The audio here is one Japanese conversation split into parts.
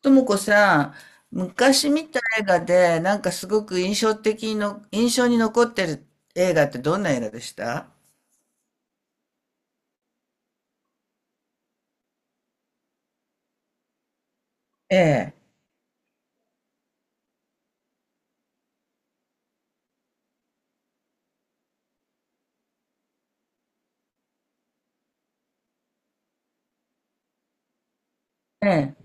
ともこさん、昔見た映画で、すごく印象に残ってる映画ってどんな映画でした？ええ。ええ。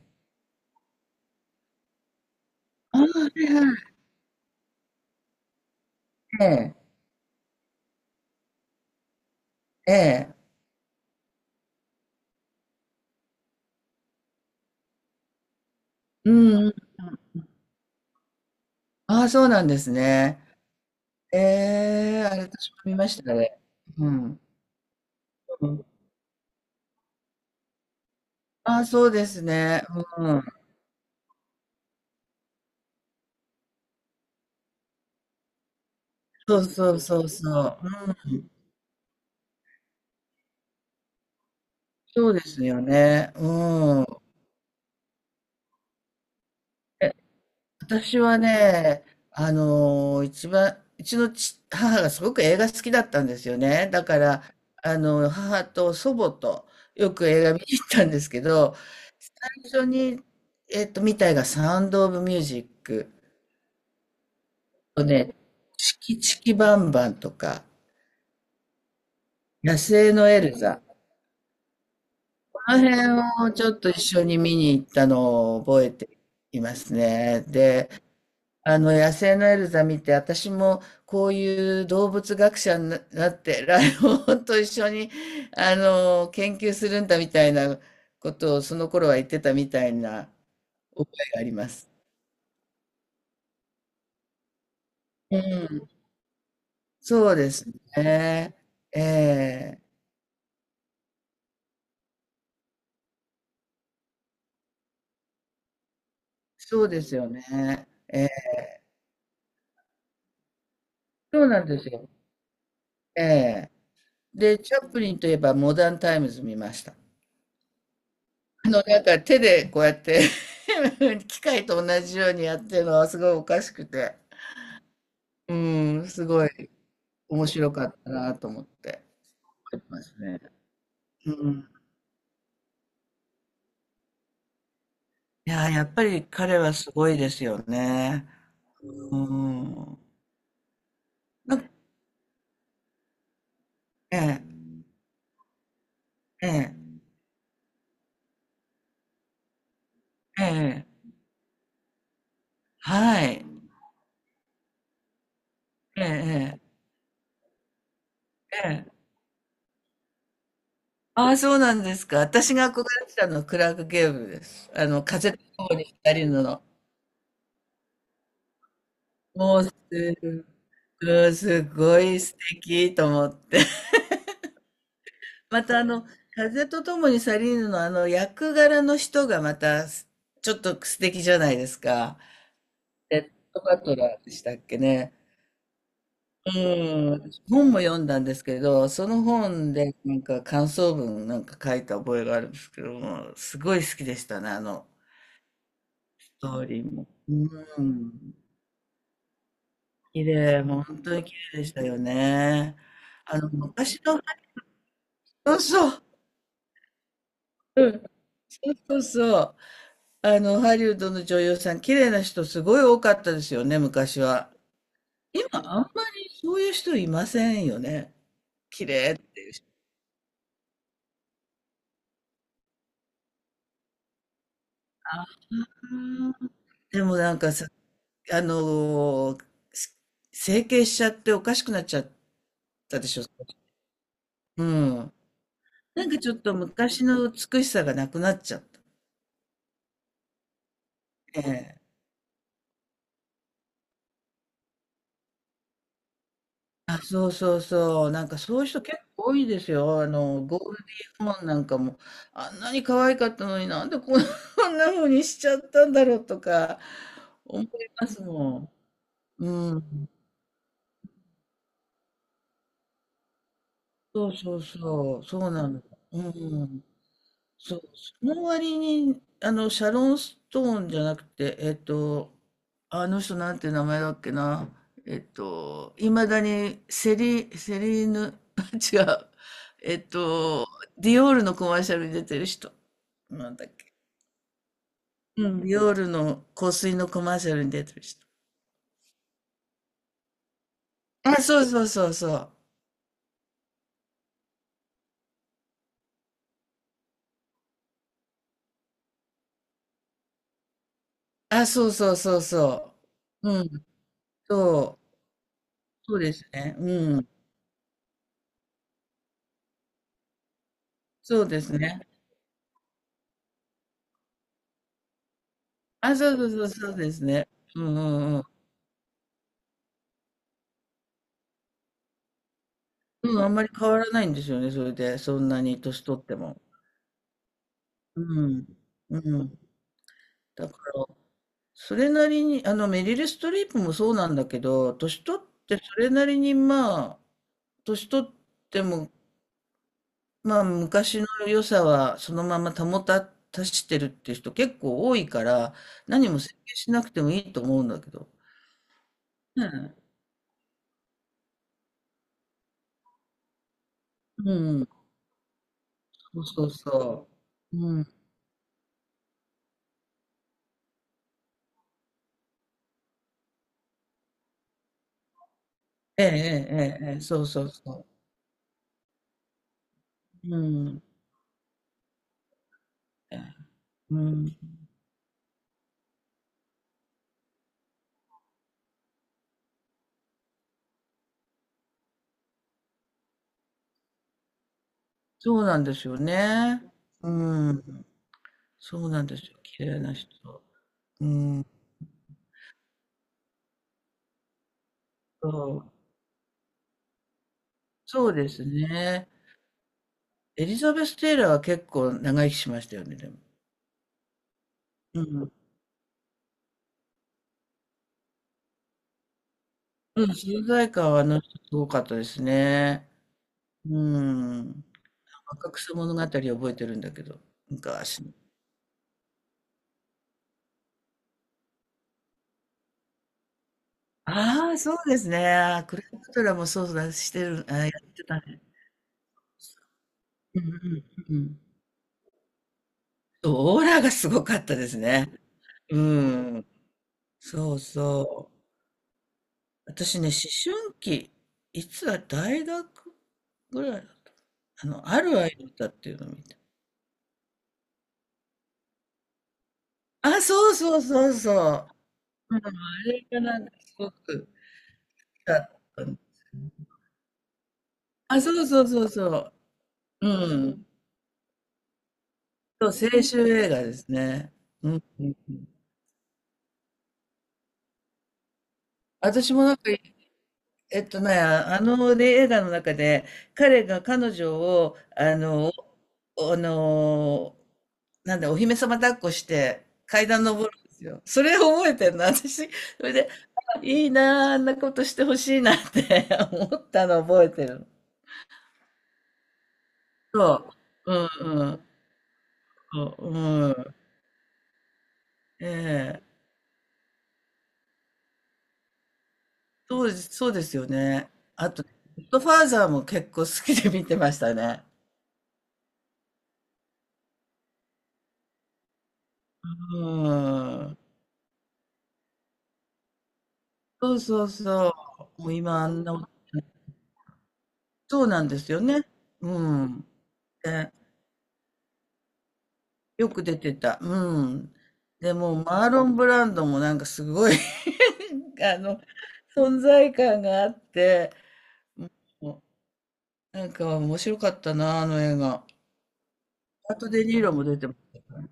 ああ、はいはい。ええ。ええ。うんうん。ああ、そうなんですね。ええ、あれ私も見ましたね。うん。うん。ああ、そうですね。うん。そうそうそうそう。うん。そうですよね。うん。私はね、一番、うちの母がすごく映画好きだったんですよね。だから、あの、母と祖母とよく映画見に行ったんですけど、最初に、見た映画、サウンド・オブ・ミュージックとね、チキチキバンバンとか、野生のエルザ、この辺をちょっと一緒に見に行ったのを覚えていますね。で、あの、野生のエルザ見て、私もこういう動物学者になって、ライオンと一緒に、あの、研究するんだみたいなことを、その頃は言ってたみたいな覚えがあります。うん、そうですね。ええ、そうですよね。ええ、そうなんですよ。ええ。で、チャップリンといえばモダンタイムズ見ました。あの、手でこうやって 機械と同じようにやってるのはすごいおかしくて。うん、すごい面白かったなと思って。あますね。うん。いやー、やっぱり彼はすごいですよね。うん。なんか、ええ、ええ、ええ、はい。ええ、ええ、ええ。ああ、そうなんですか。私が憧れてたのはクラーク・ゲーブルです。あの、風と共に二人の。もうす、うん、すごい素敵と思って。またあの、風とともに去りぬのあの役柄の人がまたちょっと素敵じゃないですか。レッドバトラーでしたっけね。うん、私本も読んだんですけど、その本で感想文書いた覚えがあるんですけども、すごい好きでしたね、あのストーリーも。うん、綺麗、もう本当に綺麗でしたよね。あの昔の、そうそう、うん、そうそうそう。あの、ハリウッドの女優さん、綺麗な人すごい多かったですよね、昔は。今、あんまりそういう人いませんよね。綺麗っていう人。うん。でもさ、あのーす整形しちゃっておかしくなっちゃったでしょ。うん。ちょっと昔の美しさがなくなっちゃった。ええ。あ、そうそうそう。そういう人結構多いですよ。あの、ゴールディーマンなんかも、あんなに可愛かったのになんでこん こんな風にしちゃったんだろうとか思いますもん。うん。そうそうそう。そうなの。うん。そう、その割に、あの、シャロン・ストーンじゃなくて、あの人なんて名前だっけな、いまだにセリーヌ、違う、えっと、ディオールのコマーシャルに出てる人。なんだっけ。うん、ディオールの香水のコマーシャルに出てる人。あ、そうそうそうそう。あ、そうそうそうそう。うん、そう、そうですね。うん、そうですね。あ、そうそうそう、そうですね。うんうんうん。うん、あんまり変わらないんですよね、それで、そんなに年取っても。うん。うん。だから、それなりに、あの、メリル・ストリープもそうなんだけど、年取ってそれなりに、まあ、年取っても、まあ、昔の良さはそのままたしてるっていう人結構多いから、何も整形しなくてもいいと思うんだけど。ねえ。うん。そうそうそう。うん。ええ、ええ、ええ、ええ、そうそうそう。うん。ええ。うん。そうなんですよね。うん。そうなんですよ、綺麗な人。うん、そう、そうですね。エリザベス・テイラーは結構長生きしましたよね、でも。うん。うん、存在感はあの人すごかったですね。うん。若草物語覚えてるんだけど、昔の。ああ、そうですね。クレオパトラもそうだしてる、あ、やってたね。うんうんうんうん。そう、オーラがすごかったですね。うん。そうそう。私ね、思春期、いつだ、大学ぐらいだった。あの、ある愛だったっていうのを見た。あ、そうそうそうそう。うん、あれがすごくだったんです。あ、そうそうそうそう。うん。そう、青春映画ですね。うん。うんうん。私もあの、ね、映画の中で、彼が彼女を、あの、おあの、なんだ、お姫様抱っこして、階段登るんですよ。それを覚えてるの、私。それで、あいいなあ、あんなことしてほしいなって 思ったの覚えてるの。そう。うんうん。そううん。ええ、そうです、そうですよね。あとね、ゴッドファーザーも結構好きで見てましたね。うん。そうそうそう。もう今あんな、そうなんですよね。うん。で、よく出てた。うん。でもうマーロン・ブランドもすごい あの、存在感があって、もう面白かったな、あの映画。あとデ・ニーロも出てましたから。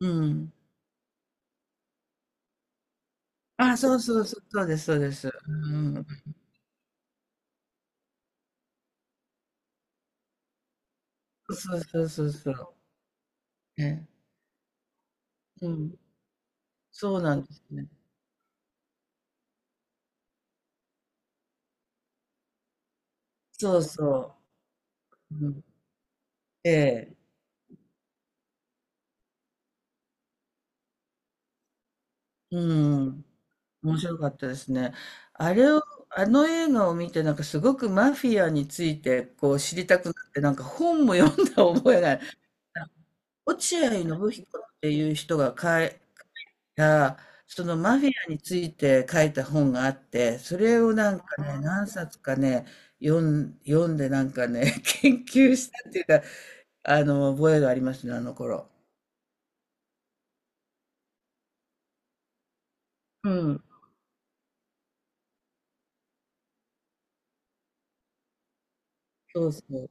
うん。あ、そうそうそう、そうです、そうです。うん。そうそうそうそう。ね。うん。そうなんですね。そうそう。うん。ええ。うん。面白かったですね。あれを、あの映画を見て、すごくマフィアについてこう知りたくなって、本も読んだ覚えがある。落合信彦っていう人が書いた、そのマフィアについて書いた本があって、それを何冊かね、読んで研究したっていうか、あの、覚えがありますね、あの頃。うん。そうそう。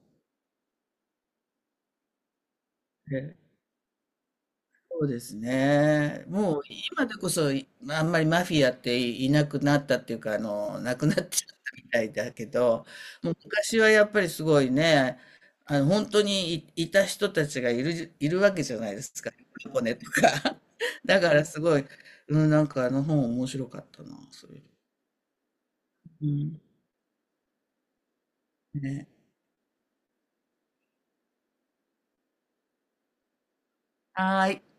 そうですね。もう今でこそ、いまあんまりマフィアっていなくなったっていうか、あの、なくなっちゃったみたいだけど、もう昔はやっぱりすごいね、あの、本当にい、いた人たちがいるわけじゃないですか。箱根とか。だからすごい、うん、なんかあの本面白かったな、それ。うん。ね。はーい。